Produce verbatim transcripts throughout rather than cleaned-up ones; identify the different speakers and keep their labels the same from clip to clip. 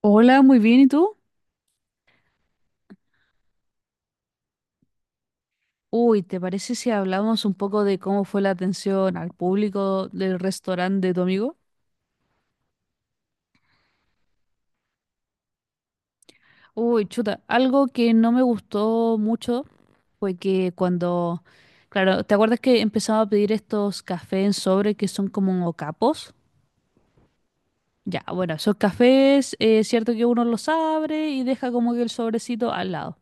Speaker 1: Hola, muy bien, ¿y tú? Uy, ¿te parece si hablamos un poco de cómo fue la atención al público del restaurante de tu amigo? Uy, chuta, algo que no me gustó mucho fue que cuando, claro, ¿te acuerdas que empezaba a pedir estos cafés en sobre que son como capos? Ya, bueno, esos cafés, eh, es cierto que uno los abre y deja como que el sobrecito al lado.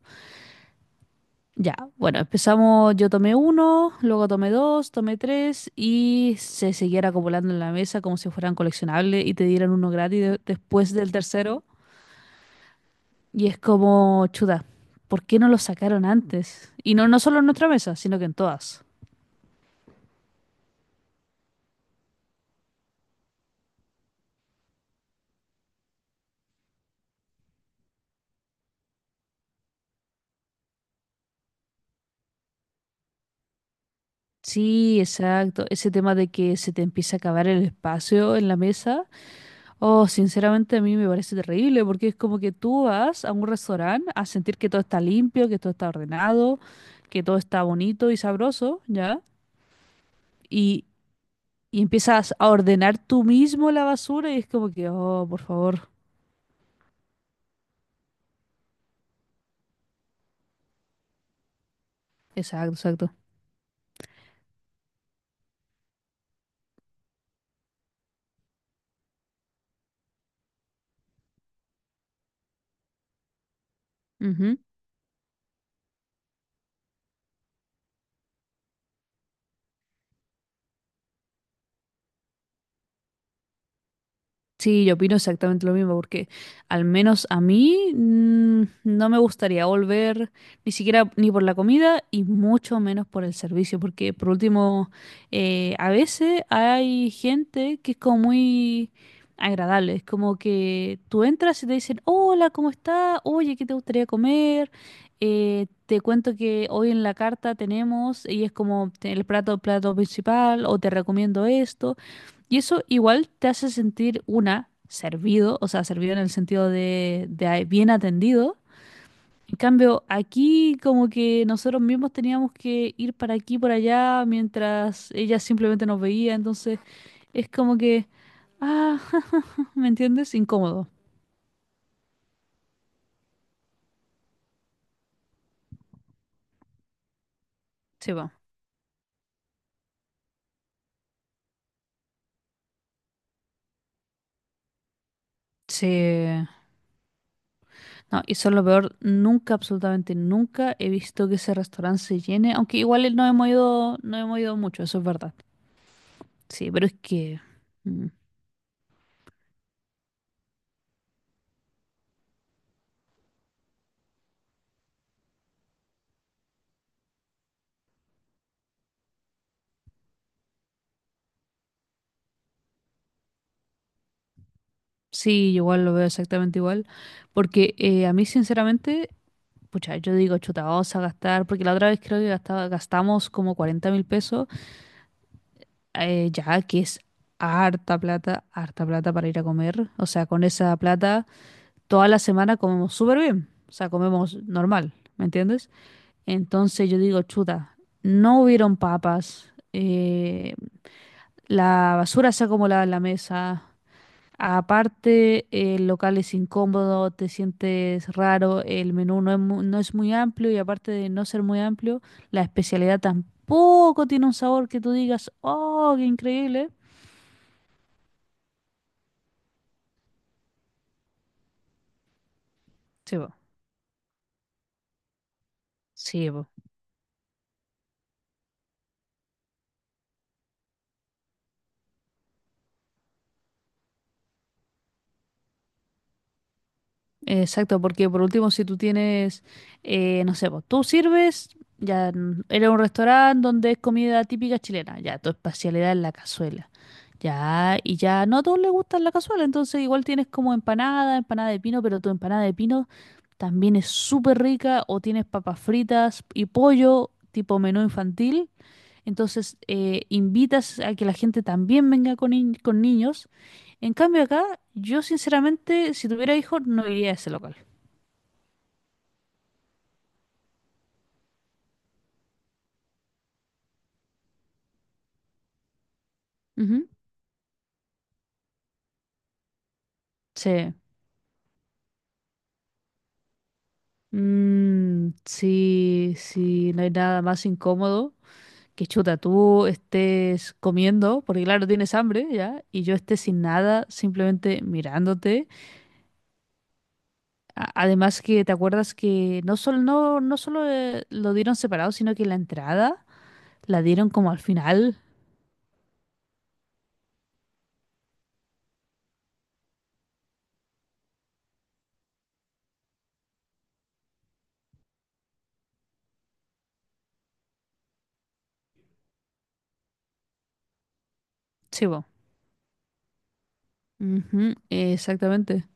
Speaker 1: Ya, bueno, empezamos, yo tomé uno, luego tomé dos, tomé tres y se siguiera acumulando en la mesa como si fueran coleccionables y te dieran uno gratis de- después del tercero. Y es como, chuda, ¿por qué no lo sacaron antes? Y no, no solo en nuestra mesa, sino que en todas. Sí, exacto. Ese tema de que se te empieza a acabar el espacio en la mesa. Oh, sinceramente a mí me parece terrible porque es como que tú vas a un restaurante a sentir que todo está limpio, que todo está ordenado, que todo está bonito y sabroso, ¿ya? Y, y empiezas a ordenar tú mismo la basura y es como que, oh, por favor. Exacto, exacto. Ujú. Sí, yo opino exactamente lo mismo, porque al menos a mí mm, no me gustaría volver ni siquiera ni por la comida y mucho menos por el servicio, porque por último, eh, a veces hay gente que es como muy agradable, es como que tú entras y te dicen, hola, ¿cómo está? Oye, ¿qué te gustaría comer? Eh, te cuento que hoy en la carta tenemos, y es como el plato, plato principal, o te recomiendo esto. Y eso igual te hace sentir una, servido, o sea, servido en el sentido de, de a- bien atendido. En cambio, aquí como que nosotros mismos teníamos que ir para aquí, por allá, mientras ella simplemente nos veía. Entonces, es como que, ah, ¿me entiendes? Incómodo. Sí, va. Sí. No, y eso es lo peor. Nunca, absolutamente nunca he visto que ese restaurante se llene. Aunque igual no hemos ido, no hemos ido mucho, eso es verdad. Sí, pero es que, mm, sí, yo igual lo veo exactamente igual, porque eh, a mí sinceramente, pucha, yo digo, chuta, vamos a gastar, porque la otra vez creo que gastaba- gastamos como cuarenta mil pesos, eh, ya que es harta plata, harta plata para ir a comer, o sea, con esa plata toda la semana comemos súper bien, o sea, comemos normal, ¿me entiendes? Entonces yo digo, chuta, no hubieron papas, eh, la basura se acumulaba en la mesa. Aparte, el local es incómodo, te sientes raro, el menú no es muy, no es muy amplio y aparte de no ser muy amplio, la especialidad tampoco tiene un sabor que tú digas, oh, qué increíble. Sí, po. Sí, po. Exacto, porque por último, si tú tienes, eh, no sé, pues, tú sirves, ya mm, eres un restaurante donde es comida típica chilena, ya tu especialidad es la cazuela, ya, y ya no a todos les gusta la cazuela, entonces igual tienes como empanada, empanada de pino, pero tu empanada de pino también es súper rica, o tienes papas fritas y pollo, tipo menú infantil, entonces eh, invitas a que la gente también venga con, ni- con niños. En cambio acá, yo sinceramente, si tuviera hijos, no iría a ese local. Ujú. Sí. Mm, sí, sí, no hay nada más incómodo que chuta, tú estés comiendo, porque claro, tienes hambre ya, y yo esté sin nada, simplemente mirándote. A- además que te acuerdas que no solo, no, no solo eh, lo dieron separado, sino que la entrada la dieron como al final. Sí, bo. Ujú, exactamente.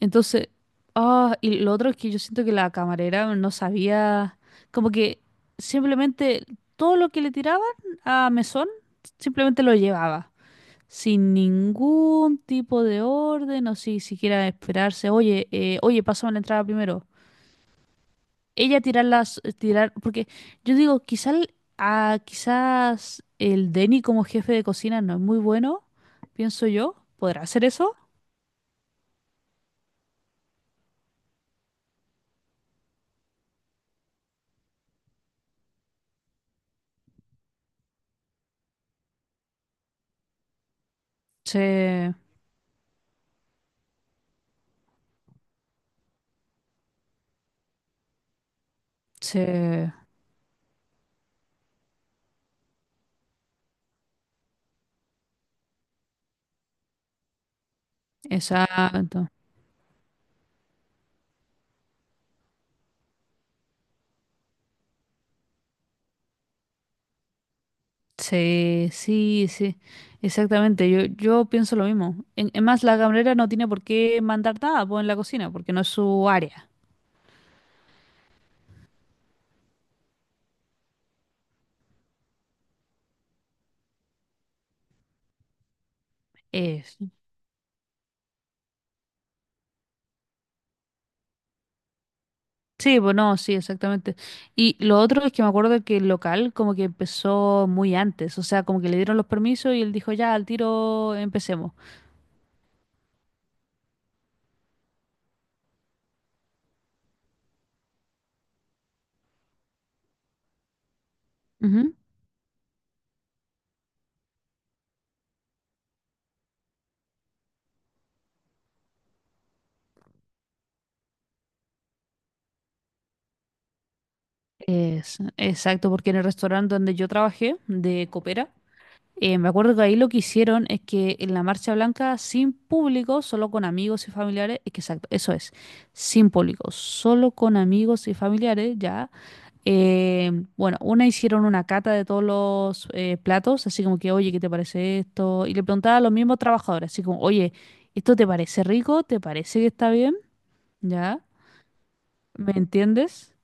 Speaker 1: Entonces, ah, y lo otro es que yo siento que la camarera no sabía, como que simplemente todo lo que le tiraban a Mesón, simplemente lo llevaba, sin ningún tipo de orden o si siquiera esperarse, oye, eh, oye, pásame la entrada primero. Ella tirar las, tirar, porque yo digo, quizás, quizás el Denny como jefe de cocina no es muy bueno, pienso yo, ¿podrá hacer eso? Sí, sí, exacto. Sí, sí, sí, exactamente. Yo, yo pienso lo mismo. En, en más, la camarera no tiene por qué mandar nada pues, en la cocina, porque no es su área. Es, sí, pues no, sí, exactamente. Y lo otro es que me acuerdo que el local como que empezó muy antes, o sea, como que le dieron los permisos y él dijo, ya, al tiro empecemos. Ujú. Es- exacto, porque en el restaurante donde yo trabajé, de copera, Eh, me acuerdo que ahí lo que hicieron es que en la marcha blanca, sin público, solo con amigos y familiares, es que exacto, eso es, sin público, solo con amigos y familiares, ya. Eh, bueno, una hicieron una cata de todos los eh, platos, así como que, oye, ¿qué te parece esto? Y le preguntaba a los mismos trabajadores, así como, oye, ¿esto te parece rico? ¿Te parece que está bien? ¿Ya? ¿Me entiendes?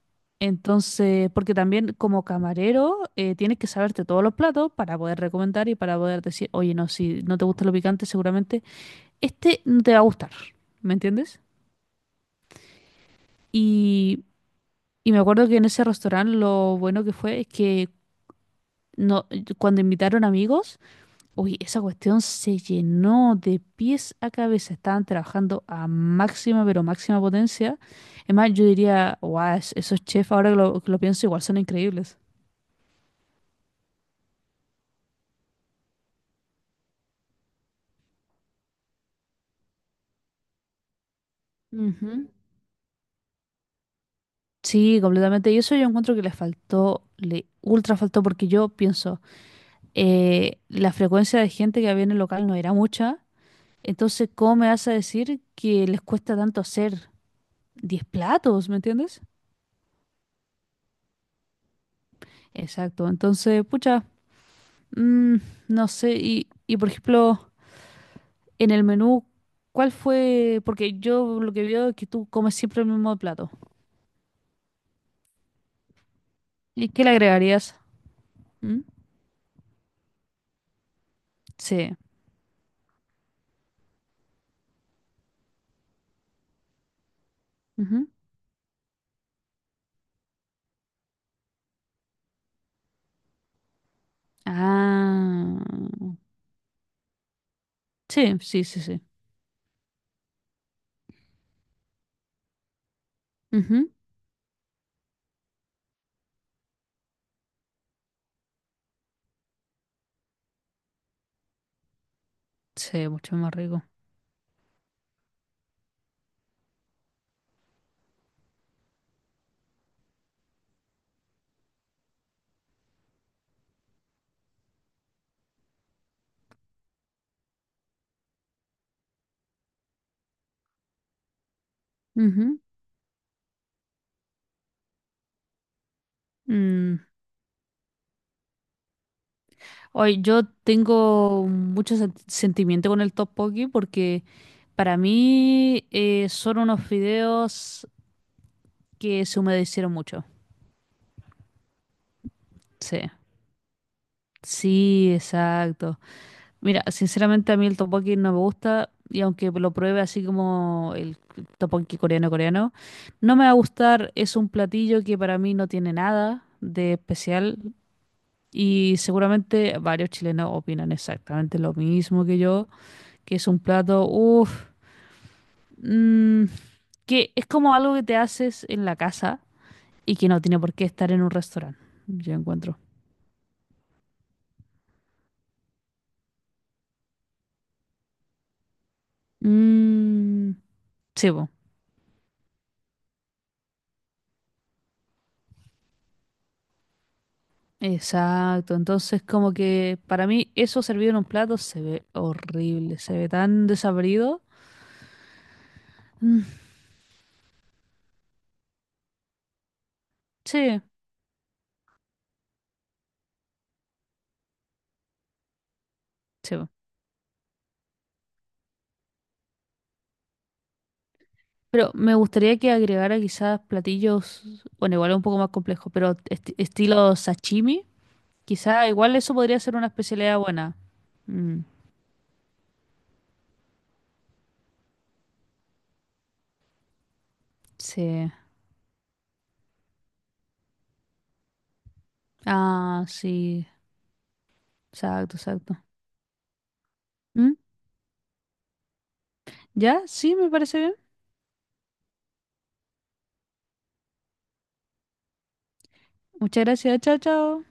Speaker 1: Entonces, porque también como camarero eh, tienes que saberte todos los platos para poder recomendar y para poder decir, oye, no, si no te gusta lo picante, seguramente este no te va a gustar. ¿Me entiendes? Y, y me acuerdo que en ese restaurante lo bueno que fue es que no, cuando invitaron amigos, uy, esa cuestión se llenó de pies a cabeza. Estaban trabajando a máxima, pero máxima potencia. Es más, yo diría, guau, es- esos chefs, ahora que lo, que lo pienso, igual son increíbles. Ujú. Sí, completamente. Y eso yo encuentro que le faltó, le ultra faltó, porque yo pienso, eh, la frecuencia de gente que había en el local no era mucha, entonces, ¿cómo me vas a decir que les cuesta tanto hacer diez platos? ¿Me entiendes? Exacto. Entonces, pucha, mm, no sé. Y, y, por ejemplo, en el menú, ¿cuál fue? Porque yo lo que veo es que tú comes siempre el mismo plato. ¿Y qué le agregarías? ¿Mm? Sí. Ujú. Ah. Sí, sí, sí, sí. Ujú. Sí, mucho más rico. Ujú. Mm. Oye, yo tengo mucho sen- sentimiento con el tteokbokki porque para mí eh, son unos fideos que se humedecieron mucho. Sí, sí, exacto. Mira, sinceramente a mí el tteokbokki no me gusta y aunque lo pruebe así como el tteokbokki coreano coreano, no me va a gustar. Es un platillo que para mí no tiene nada de especial. Y seguramente varios chilenos opinan exactamente lo mismo que yo, que es un plato, uff, que es como algo que te haces en la casa y que no tiene por qué estar en un restaurante, yo encuentro. Mm, sí, po, exacto. Entonces, como que para mí eso servido en un plato se ve horrible, se ve tan desabrido. Mm, sí, sí, po. Pero me gustaría que agregara quizás platillos, bueno, igual es un poco más complejo, pero esti- estilo sashimi. Quizá igual eso podría ser una especialidad buena. Mm, sí. Ah, sí. Exacto, exacto. Mm, ¿ya? Sí, me parece bien. Muchas gracias. Chao, chao.